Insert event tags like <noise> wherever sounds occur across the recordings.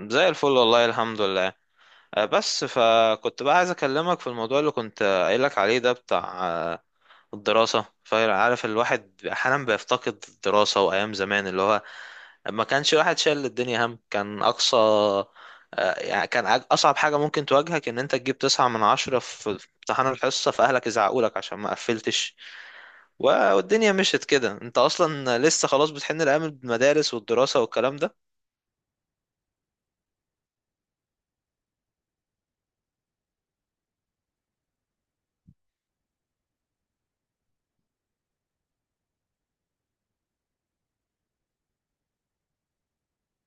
زي الفل والله الحمد لله. بس فكنت بقى عايز اكلمك في الموضوع اللي كنت قايلك عليه ده بتاع الدراسة. فعارف الواحد احيانا بيفتقد الدراسة وايام زمان اللي هو ما كانش الواحد شايل الدنيا هم. كان اقصى يعني كان اصعب حاجة ممكن تواجهك ان انت تجيب تسعة من عشرة في امتحان الحصة، فاهلك يزعقولك عشان ما قفلتش. والدنيا مشيت كده. انت اصلا لسه خلاص بتحن لايام المدارس والدراسة والكلام ده.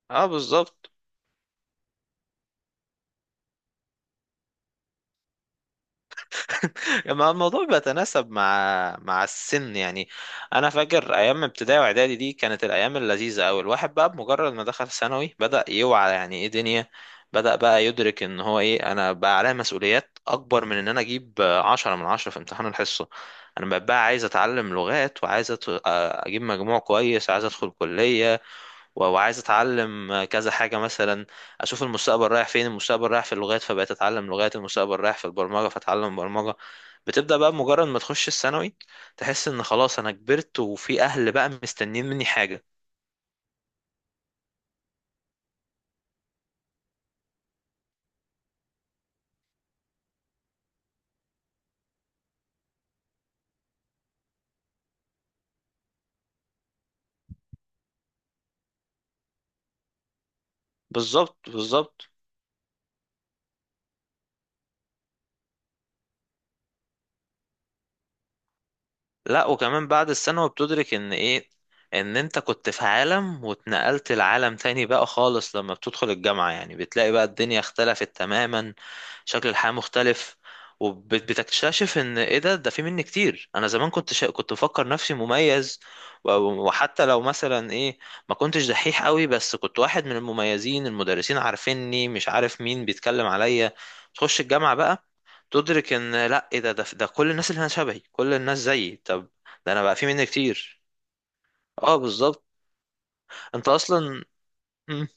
اه بالظبط. <laughs> ما الموضوع بيتناسب مع السن يعني. انا فاكر ايام ابتدائي واعدادي دي كانت الايام اللذيذه قوي. الواحد بقى بمجرد ما دخل ثانوي بدأ يوعى يعني ايه دنيا. بدأ بقى يدرك ان هو ايه، انا بقى عليا مسؤوليات اكبر من ان انا اجيب عشرة من عشرة في امتحان الحصه. انا بقى عايز اتعلم لغات، وعايز اجيب مجموع كويس، عايز ادخل كليه. وعايز اتعلم كذا حاجه مثلا. اشوف المستقبل رايح فين. المستقبل رايح في اللغات فبقيت اتعلم لغات. المستقبل رايح في البرمجه فاتعلم برمجه. بتبدا بقى مجرد ما تخش الثانوي تحس ان خلاص انا كبرت، وفي اهل بقى مستنيين مني حاجه. بالظبط بالظبط. لا، وكمان بعد الثانوي بتدرك ان ايه، ان انت كنت في عالم واتنقلت لعالم تاني بقى خالص. لما بتدخل الجامعة يعني بتلاقي بقى الدنيا اختلفت تماما. شكل الحياة مختلف. وبتكتشف ان ايه، ده في مني كتير. انا زمان كنت كنت بفكر نفسي مميز. و- وحتى لو مثلا ايه، ما كنتش دحيح قوي بس كنت واحد من المميزين، المدرسين عارفيني، مش عارف مين بيتكلم عليا. تخش الجامعة بقى تدرك ان لا، ايه ده كل الناس اللي هنا شبهي، كل الناس زيي. طب ده انا بقى في مني كتير. اه بالظبط. انت اصلا. مم.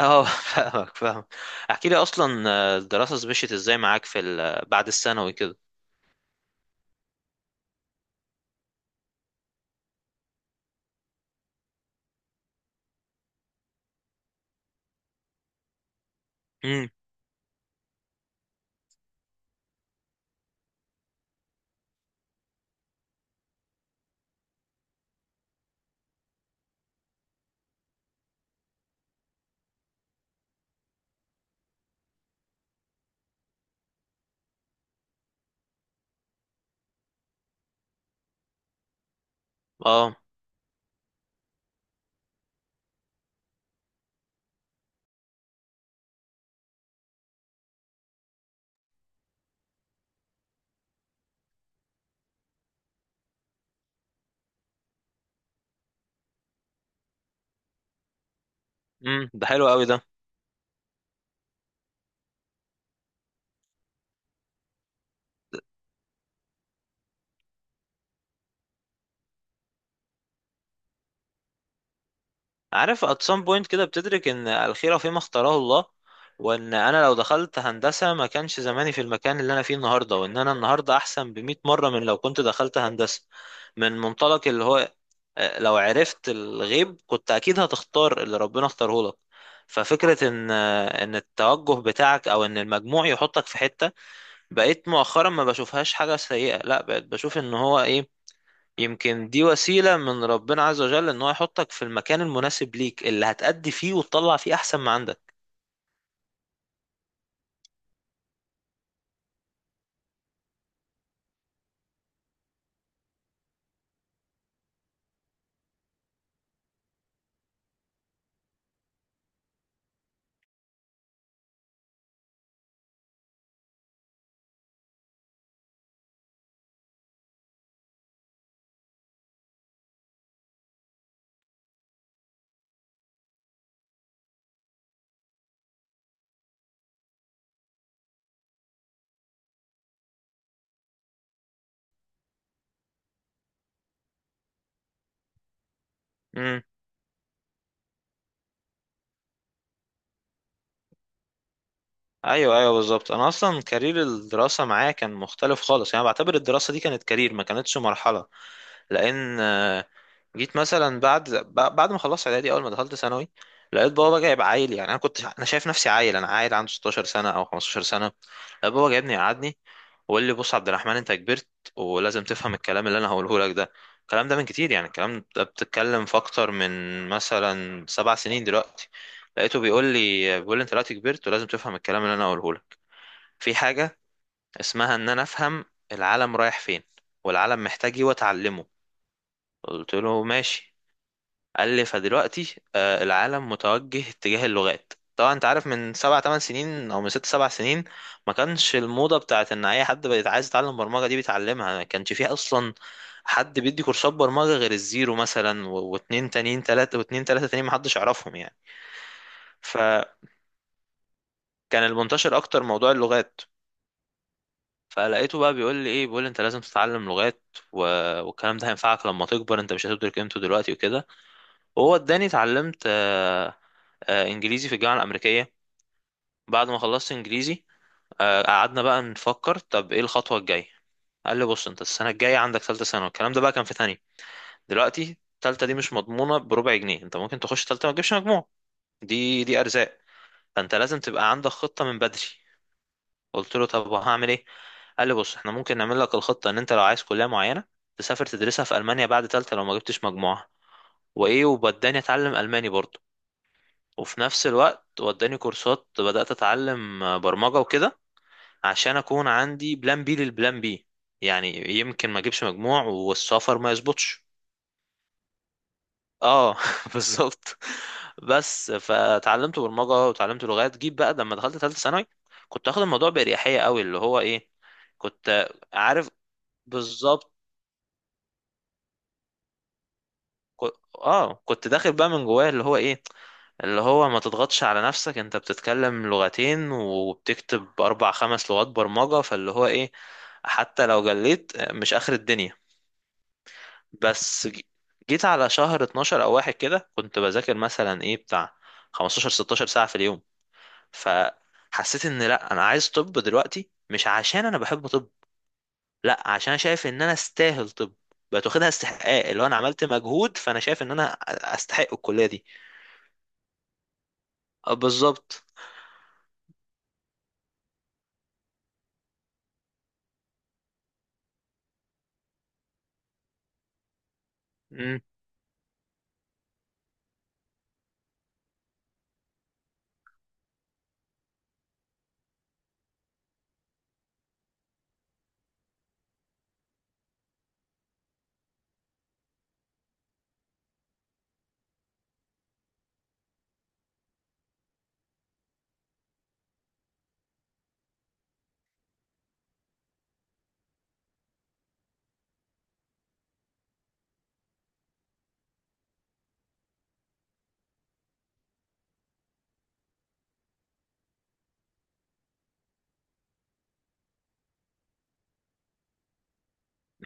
اه. <laughs> فاهمك. احكي لي اصلا، الدراسة مشيت ازاي معاك في بعد الثانوي كده؟ امم. اه. امم، ده حلو قوي ده. عارف at some point كده بتدرك ان الخيرة فيما اختاره الله. وان انا لو دخلت هندسة ما كانش زماني في المكان اللي انا فيه النهاردة، وان انا النهاردة احسن بمئة مرة من لو كنت دخلت هندسة. من منطلق اللي هو لو عرفت الغيب كنت اكيد هتختار اللي ربنا اختاره لك. ففكرة ان ان التوجه بتاعك او ان المجموع يحطك في حتة، بقيت مؤخرا ما بشوفهاش حاجة سيئة. لا، بقيت بشوف ان هو ايه، يمكن دي وسيلة من ربنا عز وجل ان هو يحطك في المكان المناسب ليك، اللي هتأدي فيه وتطلع فيه احسن ما عندك. امم. ايوه ايوه بالظبط. انا اصلا كارير الدراسة معايا كان مختلف خالص. يعني بعتبر الدراسة دي كانت كارير، ما كانتش مرحلة. لان جيت مثلا بعد بعد ما خلصت اعدادي، اول ما دخلت ثانوي لقيت بابا جايب عيل. يعني انا كنت، انا شايف نفسي عيل، انا عيل عنده 16 سنة او 15 سنة. لقيت بابا جايبني يقعدني وقال لي: بص عبد الرحمن، انت كبرت ولازم تفهم الكلام اللي انا هقوله لك ده. الكلام ده من كتير، يعني الكلام ده بتتكلم في اكتر من مثلا 7 سنين دلوقتي. لقيته بيقول لي، بيقول لي: انت دلوقتي كبرت ولازم تفهم الكلام اللي انا هقوله لك. في حاجة اسمها ان انا افهم العالم رايح فين، والعالم محتاج ايه، واتعلمه. قلت له ماشي. قال لي: فدلوقتي العالم متوجه اتجاه اللغات. طبعا انت عارف من سبع تمن سنين او من ست سبع سنين ما كانش الموضة بتاعت ان اي حد بقى عايز يتعلم برمجة دي بيتعلمها. ما كانش فيه اصلا حد بيدي كورسات برمجة غير الزيرو مثلا واتنين تانيين تلاتة، واتنين تلاتة تانيين محدش يعرفهم يعني. فكان المنتشر اكتر موضوع اللغات. فلقيته بقى بيقول لي ايه، بيقول لي: انت لازم تتعلم لغات. و... والكلام ده هينفعك لما تكبر، انت مش هتدرك قيمته دلوقتي وكده. وهو اداني، اتعلمت انجليزي في الجامعة الامريكية. بعد ما خلصت انجليزي، قعدنا بقى نفكر طب ايه الخطوه الجايه. قال لي: بص انت السنه الجايه عندك ثالثه ثانوي، الكلام ده بقى كان في تانية، دلوقتي الثالثه دي مش مضمونه بربع جنيه، انت ممكن تخش ثالثه ما تجيبش مجموع. دي دي ارزاق. فانت لازم تبقى عندك خطه من بدري. قلت له طب وهعمل ايه؟ قال لي: بص احنا ممكن نعمل لك الخطه ان انت لو عايز كليه معينه تسافر تدرسها في المانيا بعد ثالثه لو ما جبتش مجموعه. وايه، ووداني اتعلم الماني برضه. وفي نفس الوقت وداني كورسات بدات اتعلم برمجه وكده عشان اكون عندي بلان بي للبلان بي، يعني يمكن ما اجيبش مجموع والسفر ما يظبطش. اه <laughs> بالظبط. بس فتعلمت برمجه وتعلمت لغات. جيب بقى لما دخلت ثالثه ثانوي كنت اخد الموضوع باريحيه قوي. اللي هو ايه، كنت عارف بالظبط. اه كنت داخل بقى من جواه اللي هو ايه، اللي هو ما تضغطش على نفسك، انت بتتكلم لغتين وبتكتب اربع خمس لغات برمجه، فاللي هو ايه، حتى لو جليت مش اخر الدنيا. بس جيت على شهر 12 او واحد كده كنت بذاكر مثلا ايه بتاع 15 16 ساعة في اليوم. فحسيت ان لا، انا عايز طب، دلوقتي مش عشان انا بحب طب، لا عشان أنا شايف ان انا استاهل طب. بقت واخدها استحقاق، اللي هو انا عملت مجهود فانا شايف ان انا استحق الكلية دي. بالظبط. امم.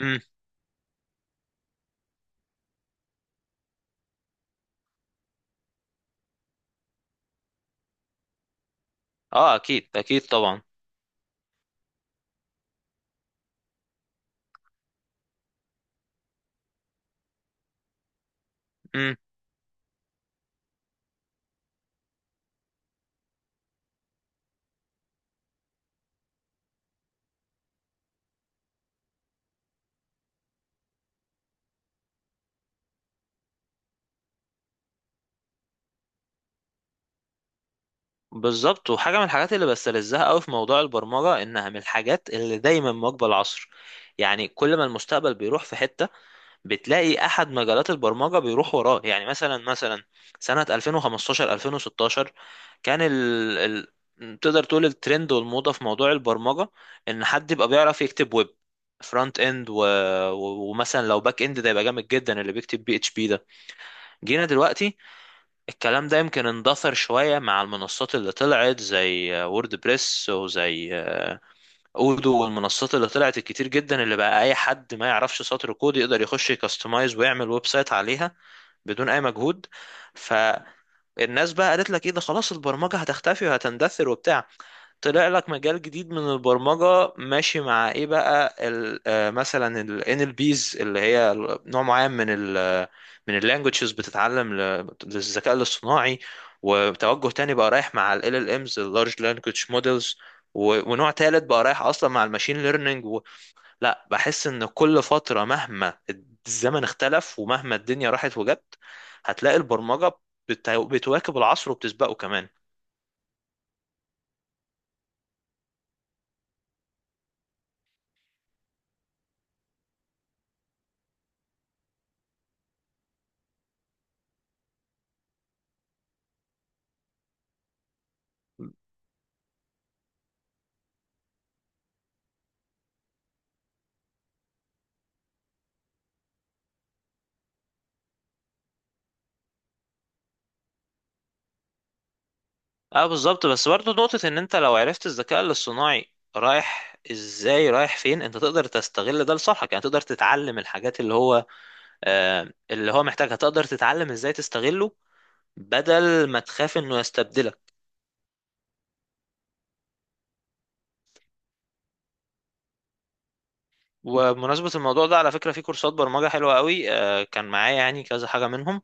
امم. اه اكيد اكيد طبعا. امم. بالظبط. وحاجة من الحاجات اللي بستلذها قوي في موضوع البرمجة انها من الحاجات اللي دايما مواكبة العصر. يعني كل ما المستقبل بيروح في حتة بتلاقي احد مجالات البرمجه بيروح وراه. يعني مثلا سنه 2015 2016 كان تقدر تقول الترند والموضه في موضوع البرمجه ان حد يبقى بيعرف يكتب ويب فرونت اند، ومثلا لو باك اند ده يبقى جامد جدا، اللي بيكتب بي اتش بي ده. جينا دلوقتي الكلام ده يمكن اندثر شويه مع المنصات اللي طلعت زي وورد بريس وزي اودو، والمنصات اللي طلعت الكتير جدا، اللي بقى اي حد ما يعرفش سطر كود يقدر يخش يكستمايز ويعمل ويب سايت عليها بدون اي مجهود. فالناس بقى قالت لك ايه، ده خلاص البرمجة هتختفي وهتندثر وبتاع. طلع لك مجال جديد من البرمجة ماشي مع ايه بقى، مثلا ال NLPs اللي هي نوع معين من ال من ال languages بتتعلم للذكاء الاصطناعي. وتوجه تاني بقى رايح مع ال LLMs، ال إمز، ال large language models. ونوع تالت بقى رايح اصلا مع الماشين ليرنينج لا، بحس ان كل فترة مهما الزمن اختلف ومهما الدنيا راحت وجت هتلاقي البرمجة بتواكب العصر وبتسبقه كمان. اه بالظبط. بس برضه نقطة ان انت لو عرفت الذكاء الاصطناعي رايح ازاي رايح فين انت تقدر تستغل ده لصالحك. يعني تقدر تتعلم الحاجات اللي هو اللي هو محتاجها، تقدر تتعلم ازاي تستغله بدل ما تخاف انه يستبدلك. وبمناسبة الموضوع ده على فكرة، في كورسات برمجة حلوة قوي، آه كان معايا يعني كذا حاجة منهم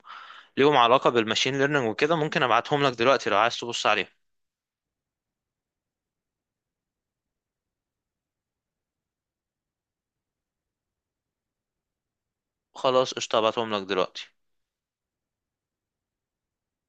ليهم علاقة بالماشين ليرنينج وكده، ممكن ابعتهم لك دلوقتي لو عايز تبص عليهم. خلاص قشطة، هبعتهم لك دلوقتي.